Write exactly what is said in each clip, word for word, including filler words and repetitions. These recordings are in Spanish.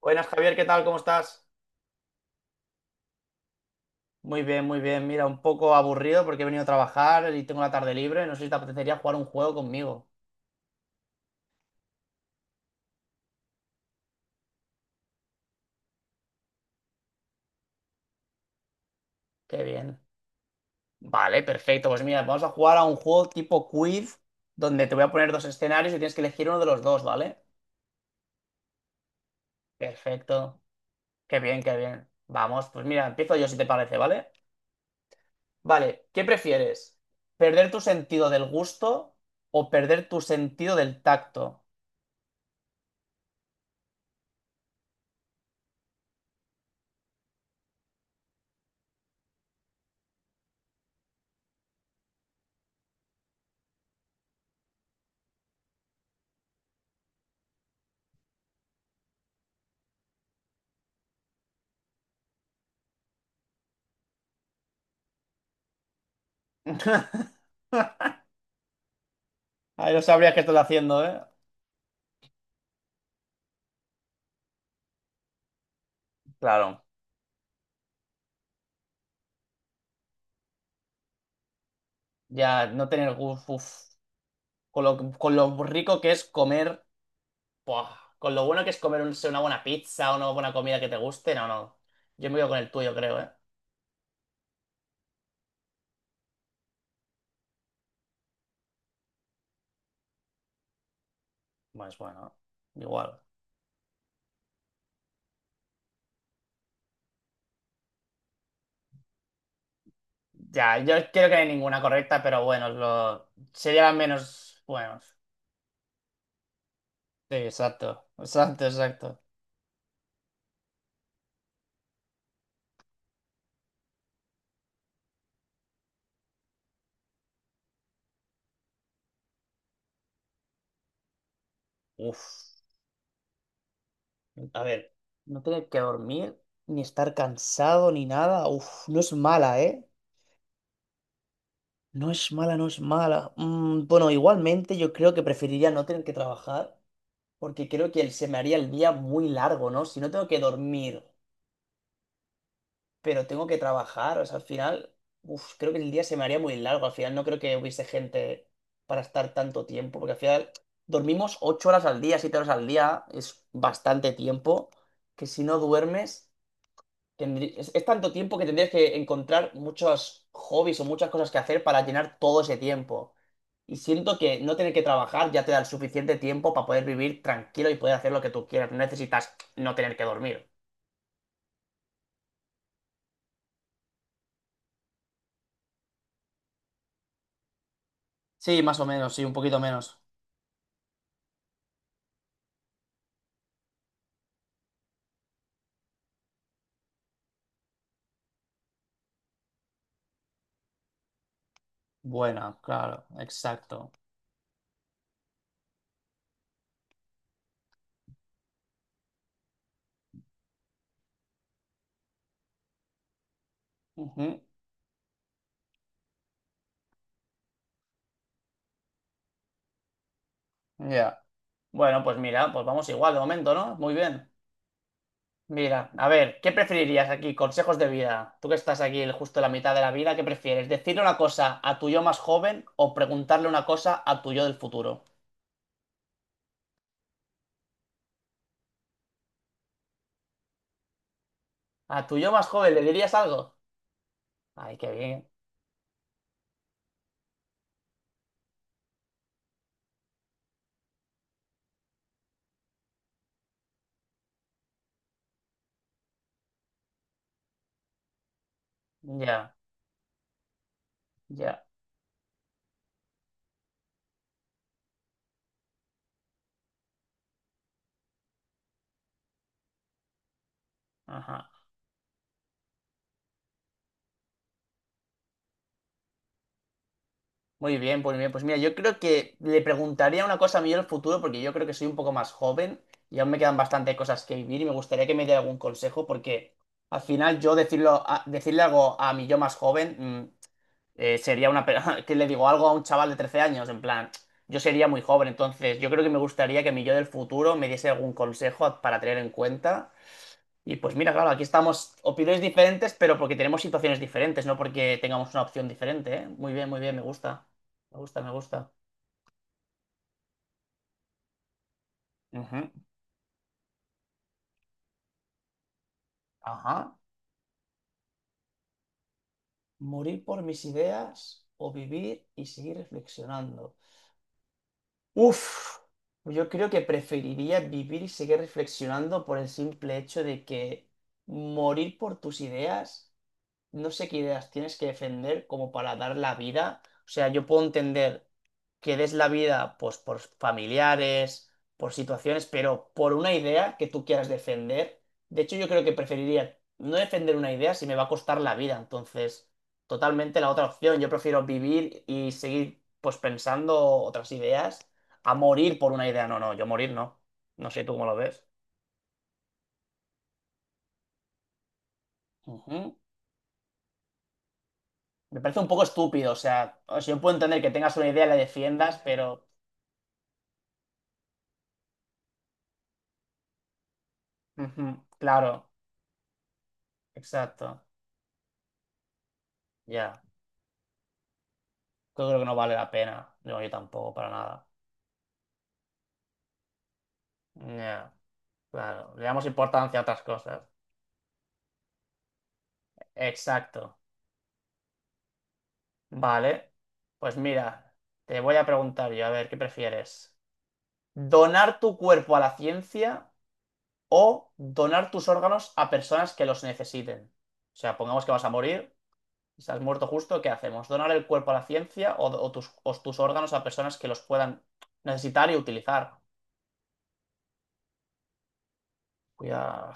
Buenas, Javier, ¿qué tal? ¿Cómo estás? Muy bien, muy bien. Mira, un poco aburrido porque he venido a trabajar y tengo la tarde libre. No sé si te apetecería jugar un juego conmigo. Qué bien. Vale, perfecto. Pues mira, vamos a jugar a un juego tipo quiz donde te voy a poner dos escenarios y tienes que elegir uno de los dos, ¿vale? Perfecto. Qué bien, qué bien. Vamos, pues mira, empiezo yo si te parece, ¿vale? Vale, ¿qué prefieres? ¿Perder tu sentido del gusto o perder tu sentido del tacto? Ahí no sabrías qué estoy haciendo, ¿eh? Claro. Ya, no tener uf, uf. con lo, con lo rico que es comer, ¡buah! Con lo bueno que es comer un- una buena pizza, una buena comida que te guste, no, no. Yo me voy con el tuyo, creo, ¿eh? Pues bueno, igual. Ya, yo creo que no hay ninguna correcta, pero bueno, lo, sería menos buenos. Sí, exacto, exacto, exacto. Uf, a ver, no tener que dormir, ni estar cansado, ni nada, uf, no es mala, ¿eh? No es mala, no es mala. Mm, bueno, igualmente yo creo que preferiría no tener que trabajar, porque creo que el- se me haría el día muy largo, ¿no? Si no tengo que dormir, pero tengo que trabajar, o sea, al final, uf, creo que el día se me haría muy largo. Al final no creo que hubiese gente para estar tanto tiempo, porque al final dormimos ocho horas al día, siete horas al día, es bastante tiempo, que si no duermes tendrí- es, es tanto tiempo que tendrías que encontrar muchos hobbies o muchas cosas que hacer para llenar todo ese tiempo. Y siento que no tener que trabajar ya te da el suficiente tiempo para poder vivir tranquilo y poder hacer lo que tú quieras. No necesitas no tener que dormir. Sí, más o menos, sí, un poquito menos. Buena, claro, exacto. Ujú. Ya. Bueno, pues mira, pues vamos igual de momento, ¿no? Muy bien. Mira, a ver, ¿qué preferirías aquí? Consejos de vida. Tú que estás aquí el- justo en la mitad de la vida, ¿qué prefieres? ¿Decirle una cosa a tu yo más joven o preguntarle una cosa a tu yo del futuro? ¿A tu yo más joven le dirías algo? Ay, qué bien. Ya, ya. Ajá. Muy bien, pues bien. Pues mira, yo creo que le preguntaría una cosa a mi yo del futuro porque yo creo que soy un poco más joven y aún me quedan bastante cosas que vivir y me gustaría que me diera algún consejo porque al final yo decirlo a- decirle algo a mi yo más joven. mm, eh, sería una... pe- que le digo algo a un chaval de trece años, en plan, yo sería muy joven, entonces yo creo que me gustaría que mi yo del futuro me diese algún consejo para tener en cuenta. Y pues mira, claro, aquí estamos, opiniones diferentes, pero porque tenemos situaciones diferentes, no porque tengamos una opción diferente, ¿eh? Muy bien, muy bien, me gusta. Me gusta, me gusta. Ujú. Ajá. Morir por mis ideas o vivir y seguir reflexionando. Uf, yo creo que preferiría vivir y seguir reflexionando por el simple hecho de que morir por tus ideas no sé qué ideas tienes que defender como para dar la vida. O sea, yo puedo entender que des la vida pues por familiares, por situaciones, pero por una idea que tú quieras defender. De hecho, yo creo que preferiría no defender una idea si me va a costar la vida. Entonces, totalmente la otra opción. Yo prefiero vivir y seguir pues pensando otras ideas a morir por una idea. No, no, yo morir no. No sé tú cómo lo ves. Ujú. Me parece un poco estúpido, o sea, o sea, yo puedo entender que tengas una idea y la defiendas, pero Ujú, Claro, exacto. Ya. Yo creo que no vale la pena. No, yo tampoco, para nada. Ya, claro. Le damos importancia a otras cosas. Exacto. Vale. Pues mira, te voy a preguntar yo, a ver, ¿qué prefieres? ¿Donar tu cuerpo a la ciencia o donar tus órganos a personas que los necesiten? O sea, pongamos que vas a morir, estás muerto justo, ¿qué hacemos? ¿Donar el cuerpo a la ciencia o, o tus, o tus órganos a personas que los puedan necesitar y utilizar? Cuidado.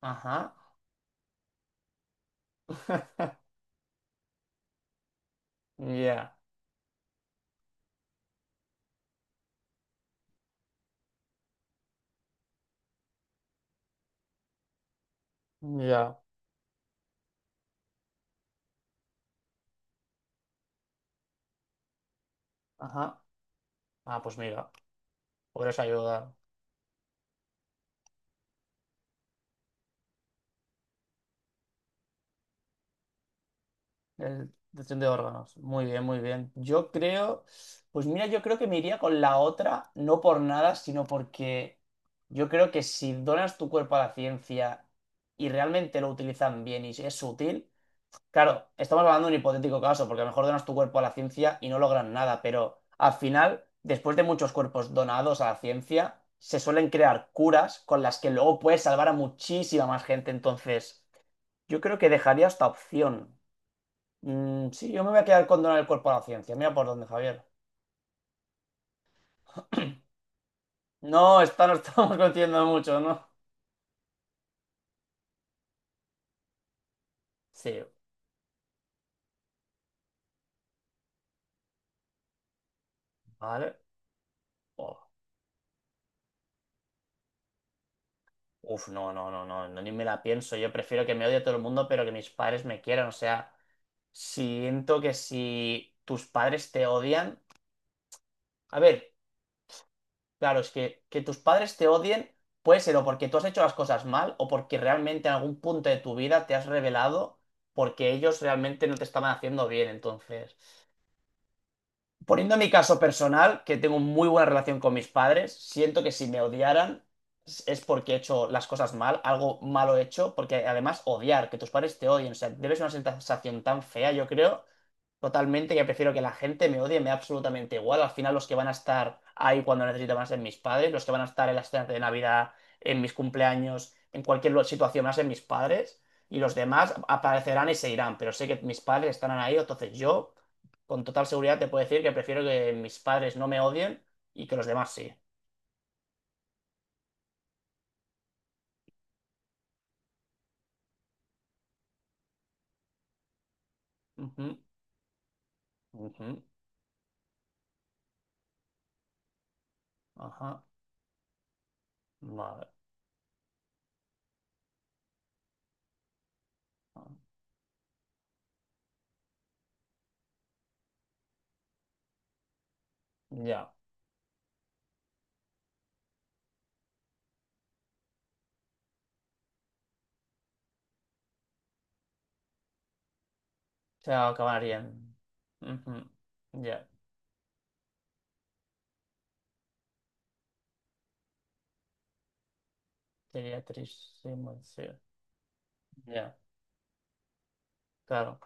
Ajá. Ya. Ya. Ajá. Ah, pues mira, podrás ayudar. El detección de órganos. Muy bien, muy bien. Yo creo. Pues mira, yo creo que me iría con la otra, no por nada, sino porque yo creo que si donas tu cuerpo a la ciencia y realmente lo utilizan bien y es útil. Claro, estamos hablando de un hipotético caso, porque a lo mejor donas tu cuerpo a la ciencia y no logran nada, pero al final, después de muchos cuerpos donados a la ciencia, se suelen crear curas con las que luego puedes salvar a muchísima más gente. Entonces, yo creo que dejaría esta opción. Mm, sí, yo me voy a quedar con donar el cuerpo a la ciencia. Mira por dónde, Javier. No, esta no estamos coincidiendo mucho, ¿no? Sí, vale. Oh, uf, no, no, no, no, no, ni me la pienso. Yo prefiero que me odie todo el mundo, pero que mis padres me quieran, o sea. Siento que si tus padres te odian, a ver, claro, es que que tus padres te odien puede ser o porque tú has hecho las cosas mal o porque realmente en algún punto de tu vida te has revelado porque ellos realmente no te estaban haciendo bien, entonces. Poniendo mi caso personal, que tengo muy buena relación con mis padres, siento que si me odiaran es porque he hecho las cosas mal, algo malo he hecho, porque además odiar, que tus padres te odien, o sea, debe ser una sensación tan fea, yo creo, totalmente, que prefiero que la gente me odie, me da absolutamente igual. Al final los que van a estar ahí cuando necesito van a ser mis padres, los que van a estar en las cenas de Navidad, en mis cumpleaños, en cualquier lo- situación van a ser mis padres, y los demás aparecerán y se irán, pero sé que mis padres estarán ahí, entonces yo con total seguridad te puedo decir que prefiero que mis padres no me odien y que los demás sí. Ujú, ujú, ajá, vale. Ah, ya, se acabarían. Ujú, ya, sería tristísimo, sí. Ya, claro.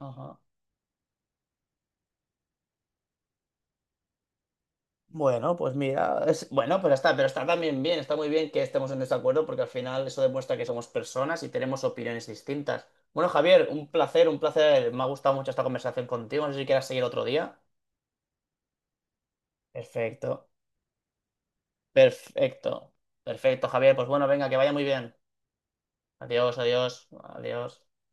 Ajá. Bueno, pues mira, es, bueno, pues está, pero está también bien, está muy bien que estemos en desacuerdo porque al final eso demuestra que somos personas y tenemos opiniones distintas. Bueno, Javier, un placer, un placer. Me ha gustado mucho esta conversación contigo. No sé si quieras seguir otro día. Perfecto. Perfecto, perfecto, Javier. Pues bueno, venga, que vaya muy bien. Adiós, adiós, adiós.